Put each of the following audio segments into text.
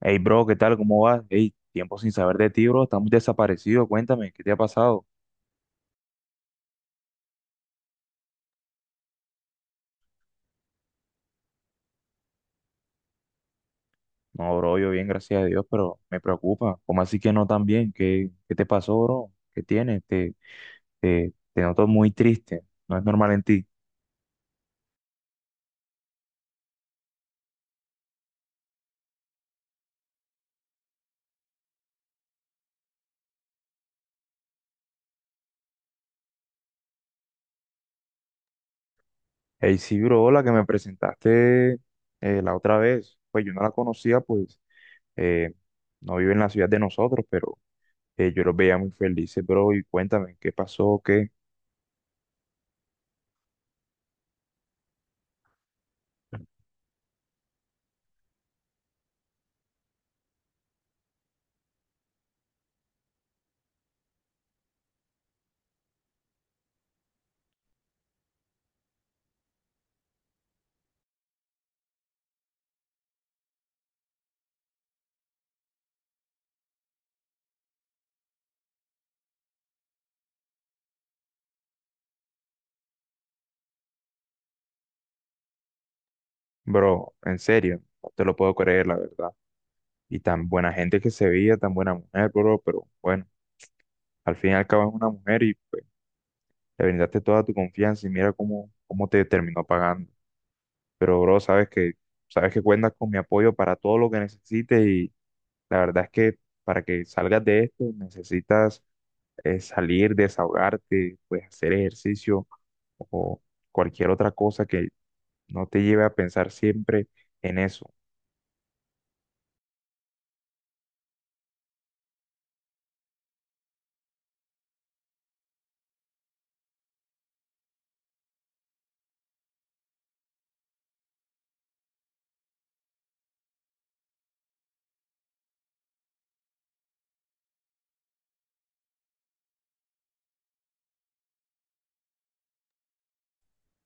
Hey, bro, ¿qué tal? ¿Cómo vas? Hey, tiempo sin saber de ti, bro. Estamos desaparecidos. Cuéntame, ¿qué te ha pasado? No, bro, yo bien, gracias a Dios, pero me preocupa. ¿Cómo así que no tan bien? ¿Qué, qué te pasó, bro? ¿Qué tienes? Te noto muy triste. No es normal en ti. Hey, sí, bro, la que me presentaste la otra vez. Pues yo no la conocía, pues eh, no vive en la ciudad de nosotros, pero yo los veía muy felices, bro. Y cuéntame, ¿qué pasó? ¿Qué? Bro, en serio, no te lo puedo creer, la verdad. Y tan buena gente que se veía, tan buena mujer, bro, pero bueno, al fin y al cabo es una mujer y pues, le brindaste toda tu confianza y mira cómo, cómo te terminó pagando. Pero, bro, sabes que cuentas con mi apoyo para todo lo que necesites y la verdad es que para que salgas de esto necesitas salir, desahogarte, pues hacer ejercicio o cualquier otra cosa que no te lleve a pensar siempre en eso.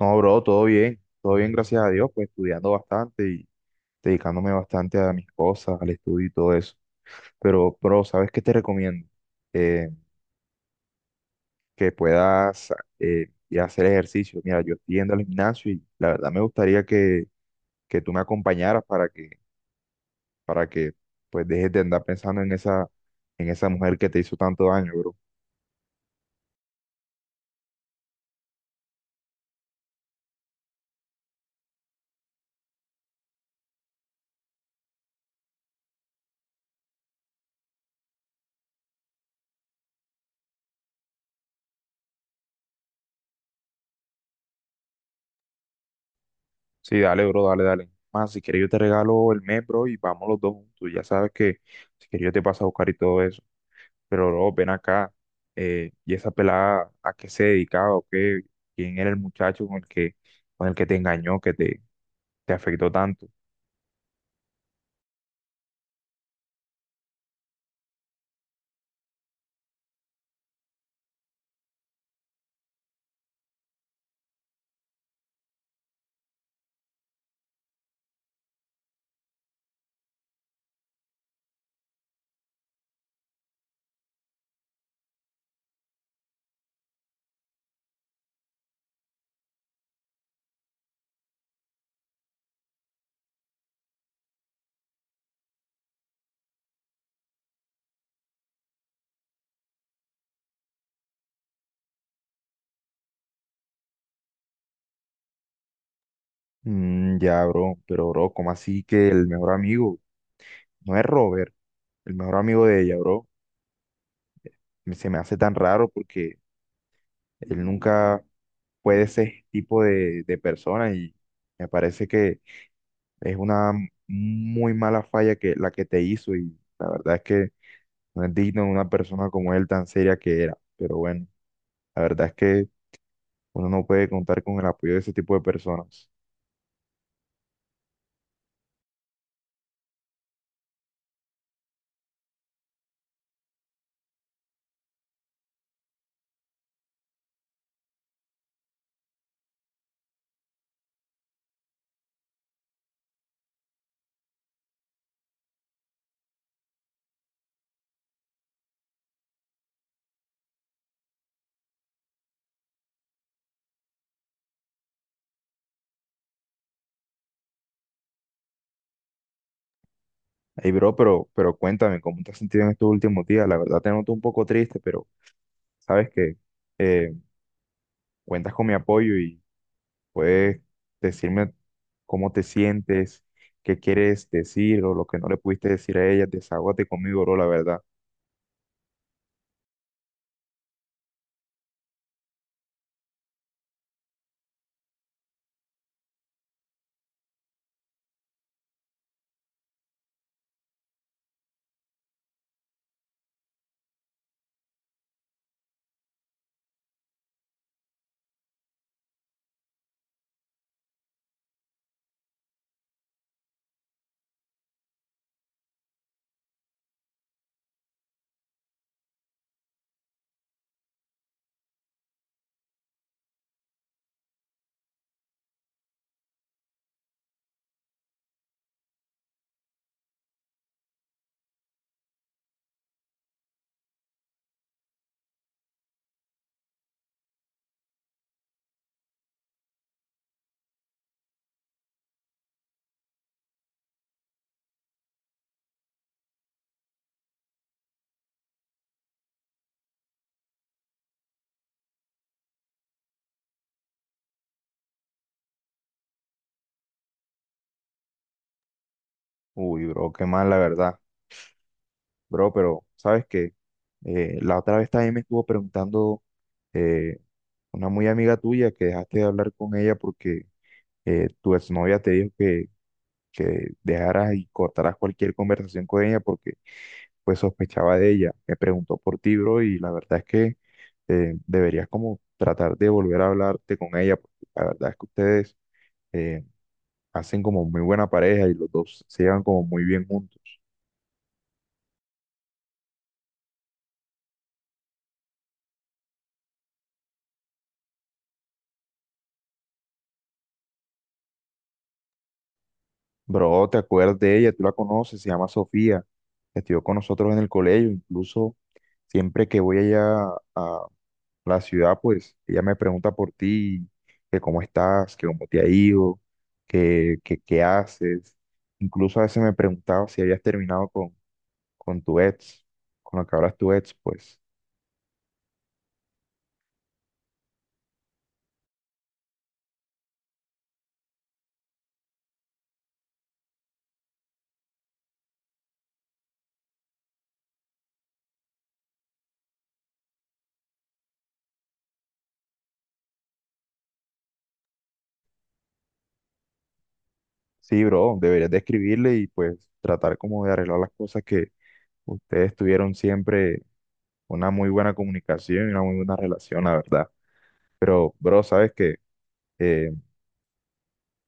No, bro, todo bien, gracias a Dios, pues estudiando bastante y dedicándome bastante a mis cosas, al estudio y todo eso. Pero, bro, ¿sabes qué te recomiendo? Eh, que puedas ir a hacer ejercicio. Mira, yo estoy yendo al gimnasio y la verdad me gustaría que tú me acompañaras para que pues dejes de andar pensando en esa mujer que te hizo tanto daño, bro. Sí, dale, bro, dale, dale. Más, si quieres yo te regalo el mes, bro, y vamos los dos juntos. Ya sabes que si quieres yo te paso a buscar y todo eso. Pero luego ven acá, y esa pelada, ¿a qué se dedicaba o qué? ¿Quién era el muchacho con el que te engañó, te afectó tanto? Mm, ya, bro, pero bro, ¿cómo así que el mejor amigo no es Robert, el mejor amigo de ella, bro? Se me hace tan raro porque él nunca fue de ese tipo de persona y me parece que es una muy mala falla que la que te hizo y la verdad es que no es digno de una persona como él tan seria que era, pero bueno. La verdad es que uno no puede contar con el apoyo de ese tipo de personas. Ey, bro, pero cuéntame, ¿cómo te has sentido en estos últimos días? La verdad te noto un poco triste, pero sabes que eh, cuentas con mi apoyo y puedes decirme cómo te sientes, qué quieres decir o lo que no le pudiste decir a ella. Desahógate conmigo, bro, la verdad. Uy, bro, qué mal, la verdad. Bro, pero sabes que la otra vez también me estuvo preguntando eh, una muy amiga tuya que dejaste de hablar con ella porque tu exnovia te dijo que dejaras y cortaras cualquier conversación con ella porque pues sospechaba de ella. Me preguntó por ti, bro, y la verdad es que deberías como tratar de volver a hablarte con ella, porque la verdad es que ustedes eh, hacen como muy buena pareja y los dos se llevan como muy bien juntos. Bro, ¿te acuerdas de ella? Tú la conoces, se llama Sofía, estudió con nosotros en el colegio, incluso siempre que voy allá a, la ciudad, pues ella me pregunta por ti, que cómo estás, que cómo te ha ido, que qué haces. Incluso a veces me preguntaba si habías terminado con tu ex, con lo que hablas tu ex, pues sí, bro, deberías de escribirle y pues tratar como de arreglar las cosas que ustedes tuvieron siempre una muy buena comunicación y una muy buena relación, la verdad. Pero, bro, sabes que eh,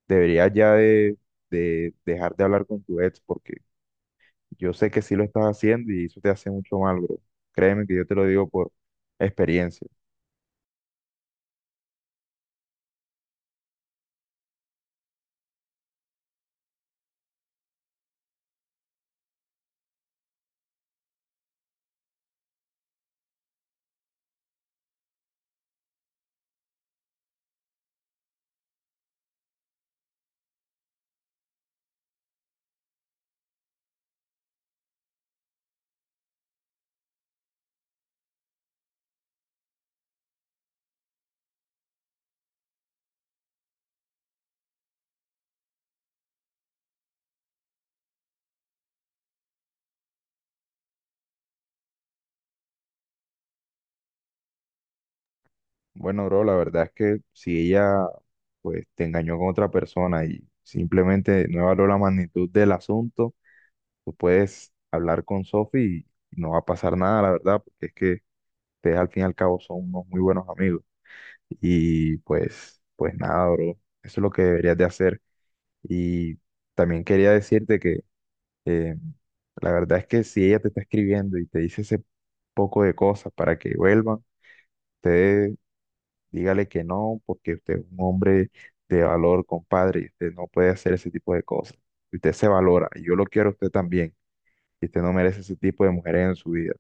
deberías ya de dejar de hablar con tu ex porque yo sé que sí lo estás haciendo y eso te hace mucho mal, bro. Créeme que yo te lo digo por experiencia. Bueno, bro, la verdad es que si ella pues te engañó con otra persona y simplemente no evaluó la magnitud del asunto, tú puedes hablar con Sophie y no va a pasar nada, la verdad, porque es que ustedes al fin y al cabo son unos muy buenos amigos. Y pues nada, bro, eso es lo que deberías de hacer. Y también quería decirte que Eh, la verdad es que si ella te está escribiendo y te dice ese poco de cosas para que vuelvan, usted dígale que no, porque usted es un hombre de valor, compadre, y usted no puede hacer ese tipo de cosas. Usted se valora, y yo lo quiero a usted también, y usted no merece ese tipo de mujeres en su vida.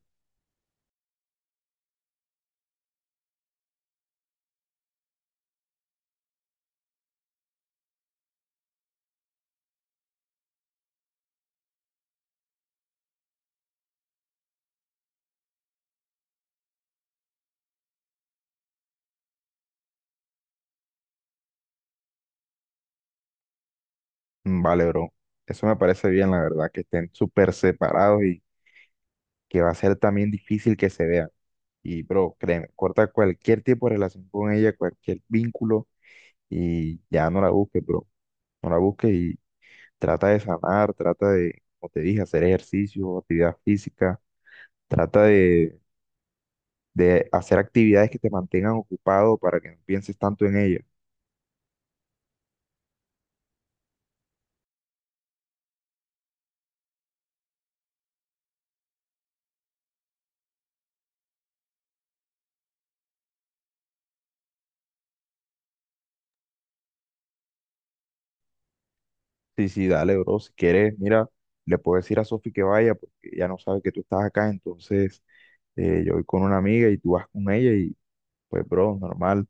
Mm, vale, bro. Eso me parece bien, la verdad, que estén súper separados y que va a ser también difícil que se vean. Y, bro, créeme, corta cualquier tipo de relación con ella, cualquier vínculo, y ya no la busques, bro. No la busques y trata de sanar, trata de, como te dije, hacer ejercicio, actividad física, trata de hacer actividades que te mantengan ocupado para que no pienses tanto en ellas. Sí, sí, dale, bro, si quieres, mira, le puedo decir a Sofi que vaya porque ya no sabe que tú estás acá, entonces yo voy con una amiga y tú vas con ella y pues, bro, normal.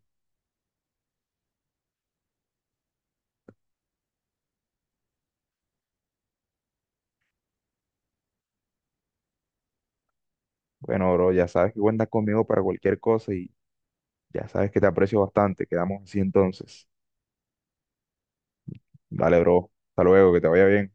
Bueno, bro, ya sabes que cuentas conmigo para cualquier cosa y ya sabes que te aprecio bastante. Quedamos así entonces. Dale, bro. Hasta luego, que te vaya bien.